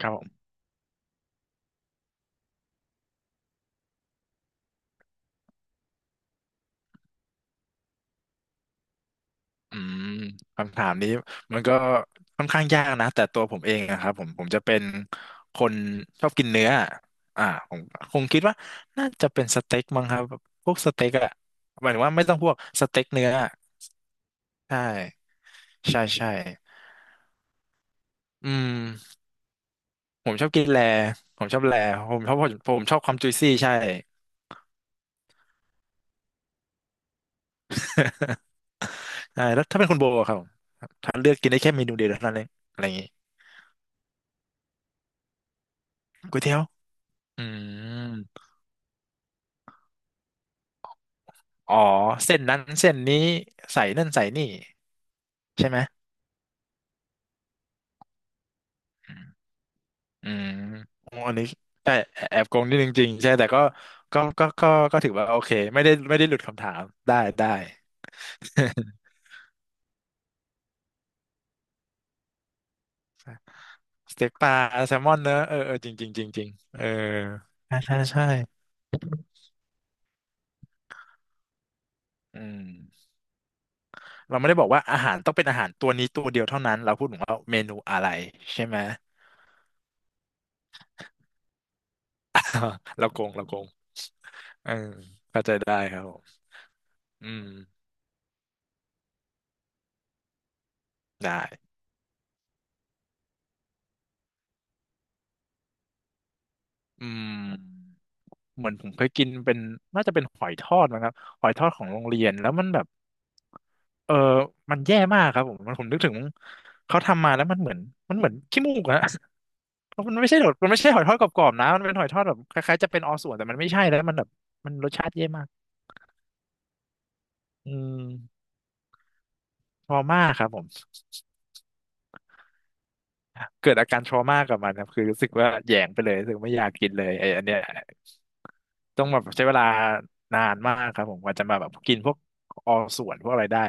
ครับผมอืมคำถามนี้มันก็ค่อนข้างยากนะแต่ตัวผมเองนะครับผมจะเป็นคนชอบกินเนื้ออ่าผมคงคิดว่าน่าจะเป็นสเต็กมั้งครับพวกสเต็กอะหมายถึงว่าไม่ต้องพวกสเต็กเนื้อใช่ใช่ใช่อืมผมชอบกินแลผมชอบแลผมชอบผมชอบความจุยซี่ใช่ ใช่แล้วถ้าเป็นคุณโบอะครับถ้าเลือกกินได้แค่เมนูเดียวเท่านั้นเองอะไรอย่างงี้ก๋วยเตี๋ยวอืม อ๋อเส้นนั้นเส้นนี้ใส่นั่นใส่นี่ใช่ไหมอืมโอ้อันนี้แต่แอบโกงนิดนึงจริงใช่แต่ก็ก็ก็ก็ถือว่าโอเคไม่ได้ไม่ได้หลุดคำถามได้ได้ สเต็กปลาแซลมอนเนอะเออเออจริงจริงจริงจริงเออใช่ใช่ใช่อืมเราไม่ได้บอกว่าอาหารต้องเป็นอาหารตัวนี้ตัวเดียวเท่านั้นเราพูดถึงว่าเมนูอะไรใช่ไหม เราโกงเราโกงเออเข้าใจได้ครับผมอืมได้อืม เหมือนผมเคยกินเป็นน่าจะเป็นหอยทอดนะครับหอยทอดของโรงเรียนแล้วมันแบบเออมันแย่มากครับผมมันผมนึกถึงเขาทำมาแล้วมันเหมือนมันเหมือนขี้มูกอะ เพราะมันไม่ใช่หอยมันไม่ใช่หอยทอดกรอบๆนะมันเป็นหอยทอดแบบคล้ายๆจะเป็นออส่วนแต่มันไม่ใช่แล้วมันแบบมันรสชาติแย่มากอืมทรมาครับผมเกิดอาการทรมากับมันครับคือรู้สึกว่าแหยงไปเลยรู้สึกไม่อยากกินเลยไอ้อันเนี้ยต้องแบบใช้เวลานานมากครับผมกว่าจะมาแบบกินพวกออส่วนพวกอะไรได้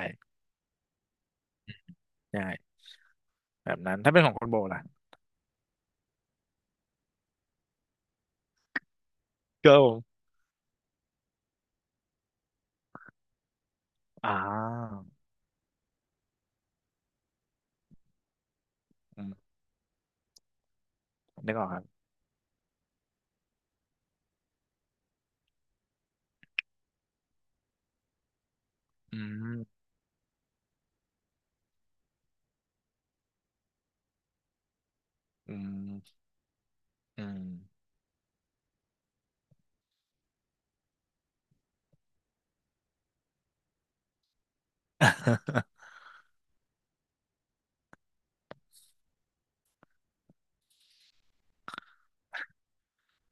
ใช่ แบบนั้นถ้าเป็นของคนโบล่ะก็ผมอ่าอืมนึกออกครับอืมอืมอืม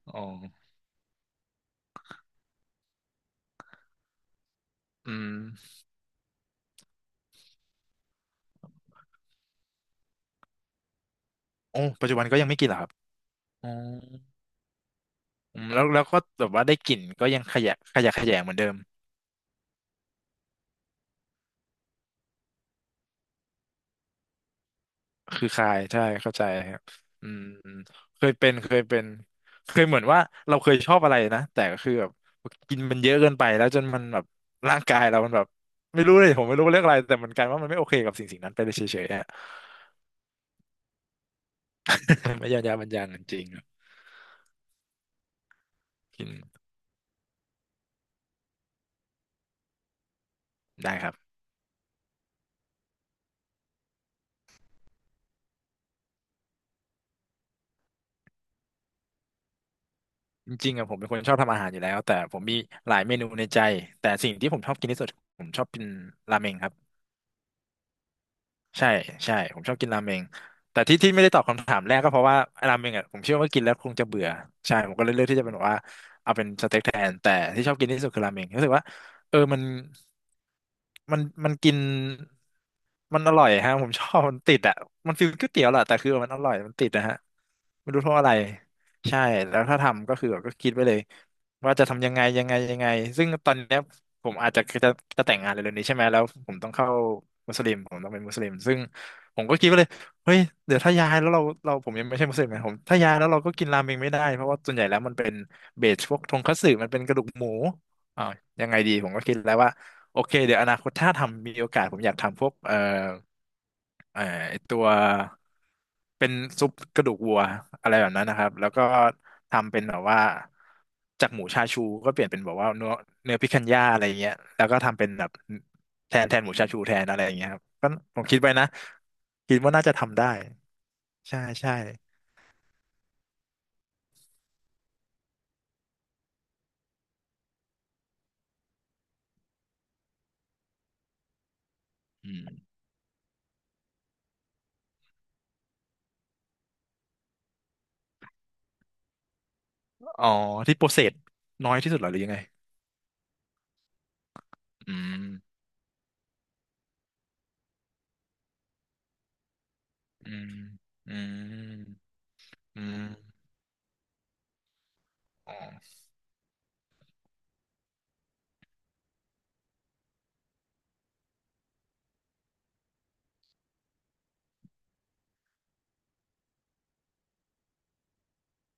อ๋ออืมโอ้ปัจจุบันก็ยังไม่กินเหรอครับอ๋ออืมแล้วแล้วก็แบบว่าได้กลิ่นก็ยังขยะขยะแขยงเหมือนเดิมคือคายใช่เข้าใจครับอืมเคยเป็นเคยเป็นเคยเหมือนว่าเราเคยชอบอะไรนะแต่ก็คือแบบกินมันเยอะเกินไปแล้วจนมันแบบร่างกายเรามันแบบไม่รู้เลยผมไม่รู้ว่าเรื่องอะไรแต่มันกลายว่ามันไม่โอเคกับสิ่งสิ่งนั้นไปเลยเฉยๆอ่ะ ไม่ยอมยับมังยังจริงครับกินได้ครับจริงๆอะผมเป็นคนชอบทำอาหารอยู่แล้วแต่ผมมีหลายเมนูในใจแต่สิ่งที่ผมชอบกินที่สุดผมชอบกินราเมงครับ ใช่ใช่ผมชอบกินราเมงแต่ที่ที่ไม่ได้ตอบคำถามแรกก็เพราะว่าราเมงอ่ะผมเชื่อว่ากินแล้วคงจะเบื่อใช่ผมก็เลยเลือกที่จะเป็นแบบว่าเอาเป็นสเต็กแทนแต่ที่ชอบกินที่สุดคือราเมงรู้สึกว่าเออมันกินมันอร่อยฮะผมชอบมันติดอ่ะมันฟีลก๋วยเตี๋ยวแหละแต่คือมันอร่อยมันติดนะฮะไม่รู้เพราะอะไรใช่แล้วถ้าทำก็คือแบบก็คิดไว้เลยว่าจะทำยังไงยังไงยังไงซึ่งตอนเนี้ยผมอาจจะแต่งงานเร็วๆนี้ใช่ไหมแล้วผมต้องเข้า มุสลิมผมต้องเป็นมุสลิมซึ่งผมก็คิดว่าเลยเฮ้ยเดี๋ยวถ้าย้ายแล้วเราผมยังไม่ใช่มุสลิมนะผมถ้าย้ายแล้วเราก็กินราเมงไม่ได้เพราะว่าส่วนใหญ่แล้วมันเป็นเบสพวกทงคัตสึมันเป็นกระดูกหมูอ่าวยังไงดีผมก็คิดแล้วว่า โอเคเดี๋ยวอนาคตถ้าทำมีโอกาสผมอยากทำพวกเอ่อไอ้ตัวเป็นซุปกระดูกวัวอะไรแบบนั้นนะครับแล้วก็ทำเป็นแบบว่าจากหมูชาชูก็เปลี่ยนเป็นแบบว่าเนื้อเนื้อพิคันย่าอะไรเงี้ยแล้วก็ทำเป็นแบบแทนแทนหมูชาชูแทนอะไรอย่างเงี้ยครับก็ผมคิดไว้นะคิดว่าน่าจะทำได้ใช่ใช่อืมอ๋อที่โปรเซสน้อยที่สุดเหรอหรือยังไงอืมอืมอืมอืมอ๋อ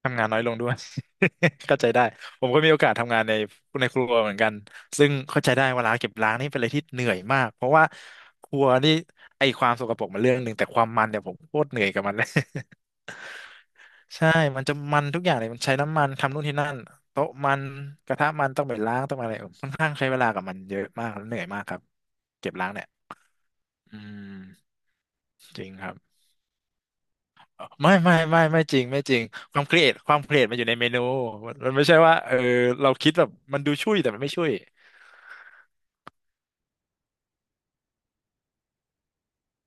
ทำงานน้อยลงด้วย เข้าใจได้ผมก็มีโอกาสทำงานในในครัวเหมือนกันซึ่งเข้าใจได้เวลาเก็บล้างนี่เป็นอะไรที่เหนื่อยมากเพราะว่าครัวนี่ไอความสกปรกมันเรื่องหนึ่งแต่ความมันเนี่ยผมโคตรเหนื่อยกับมันเลย ใช่มันจะมันทุกอย่างเลยมันใช้น้ำมันทำนู่นที่นั่นโต๊ะมันกระทะมันต้องไปล้างต้องอะไรเออค่อนข้างใช้เวลากับมันเยอะมากแล้วเหนื่อยมากครับเก็บล้างเนี่ยอืมจริงครับ ไม่จริงความเครียดความเครียดมันอยู่ในเมนูมันไม่ใช่ว่าเออเราคิดแบบมันดูช่วยแต่มันไม่ช่วย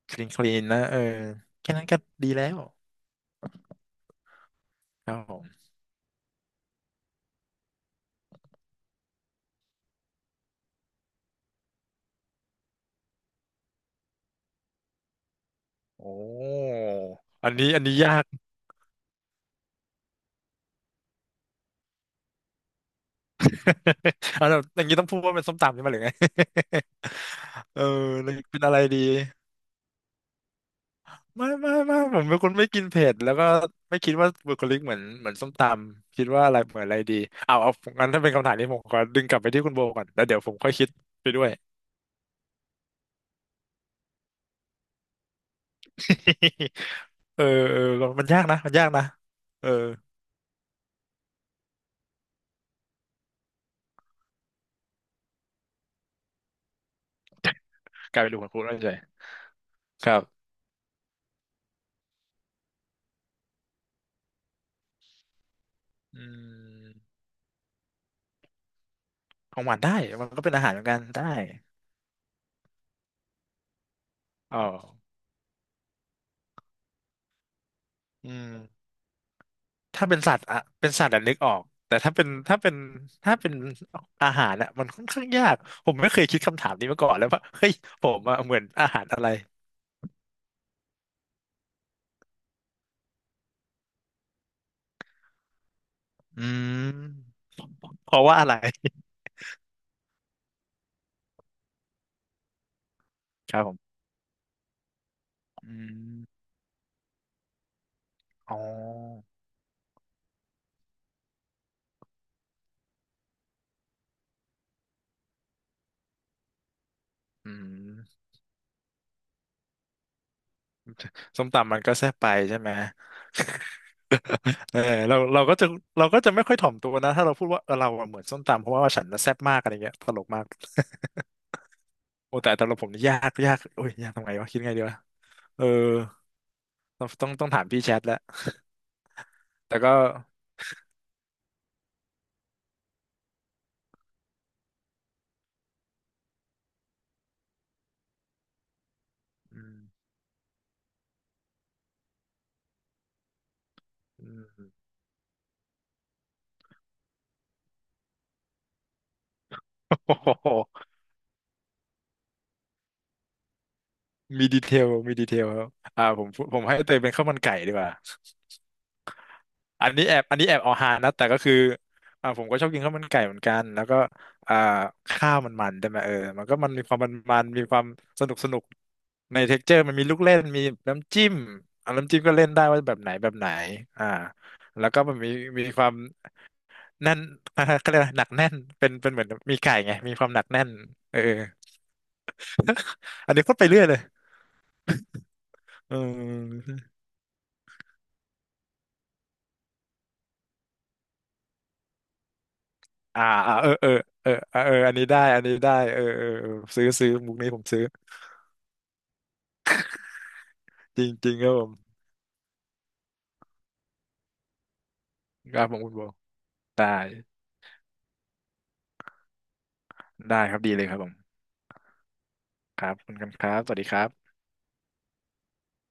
คลีนนะเออแค่นั้นก็ดีแล้วครับผมโอ้อันนี้ยาก อันนั้นอย่างนี้ต้องพูดว่าเป็นส้มตำใช่ไหมหรือไง เออเลยเป็นอะไรดีไม่ผมเป็นคนไม่กินเผ็ดแล้วก็ไม่คิดว่าบุคลิกเหมือนส้มตำคิดว่าอะไรเหมือนอะไรดีเอางั้นถ้าเป็นคำถามนี้ผมขอดึงกลับไปที่คุณโบก่อนแล้วเดี๋ยวผมค่อยคิดไปด้วย เออเออมันยากนะเออกลายเป็นดูของคุณแล้วเฉยครับอืมของหวานได้มันก็เป็นอาหารเหมือนกันได้อ๋ออืมถ้าเป็นสัตว์อะเป็นสัตว์อะนึกออกแต่ถ้าเป็นอาหารอะมันค่อนข้างยากผมไม่เคยคิดคำถามนี้มาก่อนเลยว่าเฮ้ยผมอะเหมือนอาหารอะไรอืมเพราะว่าอะไร ครับผมอืมอ๋ออืมส้มตำมันก็แซ่บไปใช่ไหม เออเราเราก็จะเราก็จะไม่ค่อยถ่อมตัวนะถ้าเราพูดว่าเออเราอะเหมือนส้มตำเพราะว่าฉันน่ะแซ่บมากอะไรเงี้ยตลกมากโอ้แต่เราผมนี่ยากโอ้ยยากตรงไหนวะคิดไงดีวะเออต้องถามพี่แชทแล้วแต่ก็อืมอืมโอ้โหมีดีเทลครับอ่าผมให้เตยเป็นข้าวมันไก่ดีกว่า อันนี้แอบเอาฮานะแต่ก็คืออ่าผมก็ชอบกินข้าวมันไก่เหมือนกันแล้วก็อ่าข้าวมันมันได้ไหมเออมันก็มันมีความมันมันมีความสนุกในเท็กเจอร์มันมีลูกเล่นมีน้ำจิ้มอ่าน้ำจิ้มก็เล่นได้ว่าแบบไหนอ่าแล้วก็มันมีความแน่น ก็เรียกว่าหนักแน่นเป็นเหมือนมีไก่ไงมีความหนักแน่นเอออันนี้พูดไปเรื่อยเลยเอออ่าอ่าเอออันนี้ได้เออซื้อมุกนี้ผมซื้อจริงจริงครับผม ครับผมคุณโบได้ได้ครับ ดีเลยครับผมครับขอบคุณกันครับสวัสดีครับ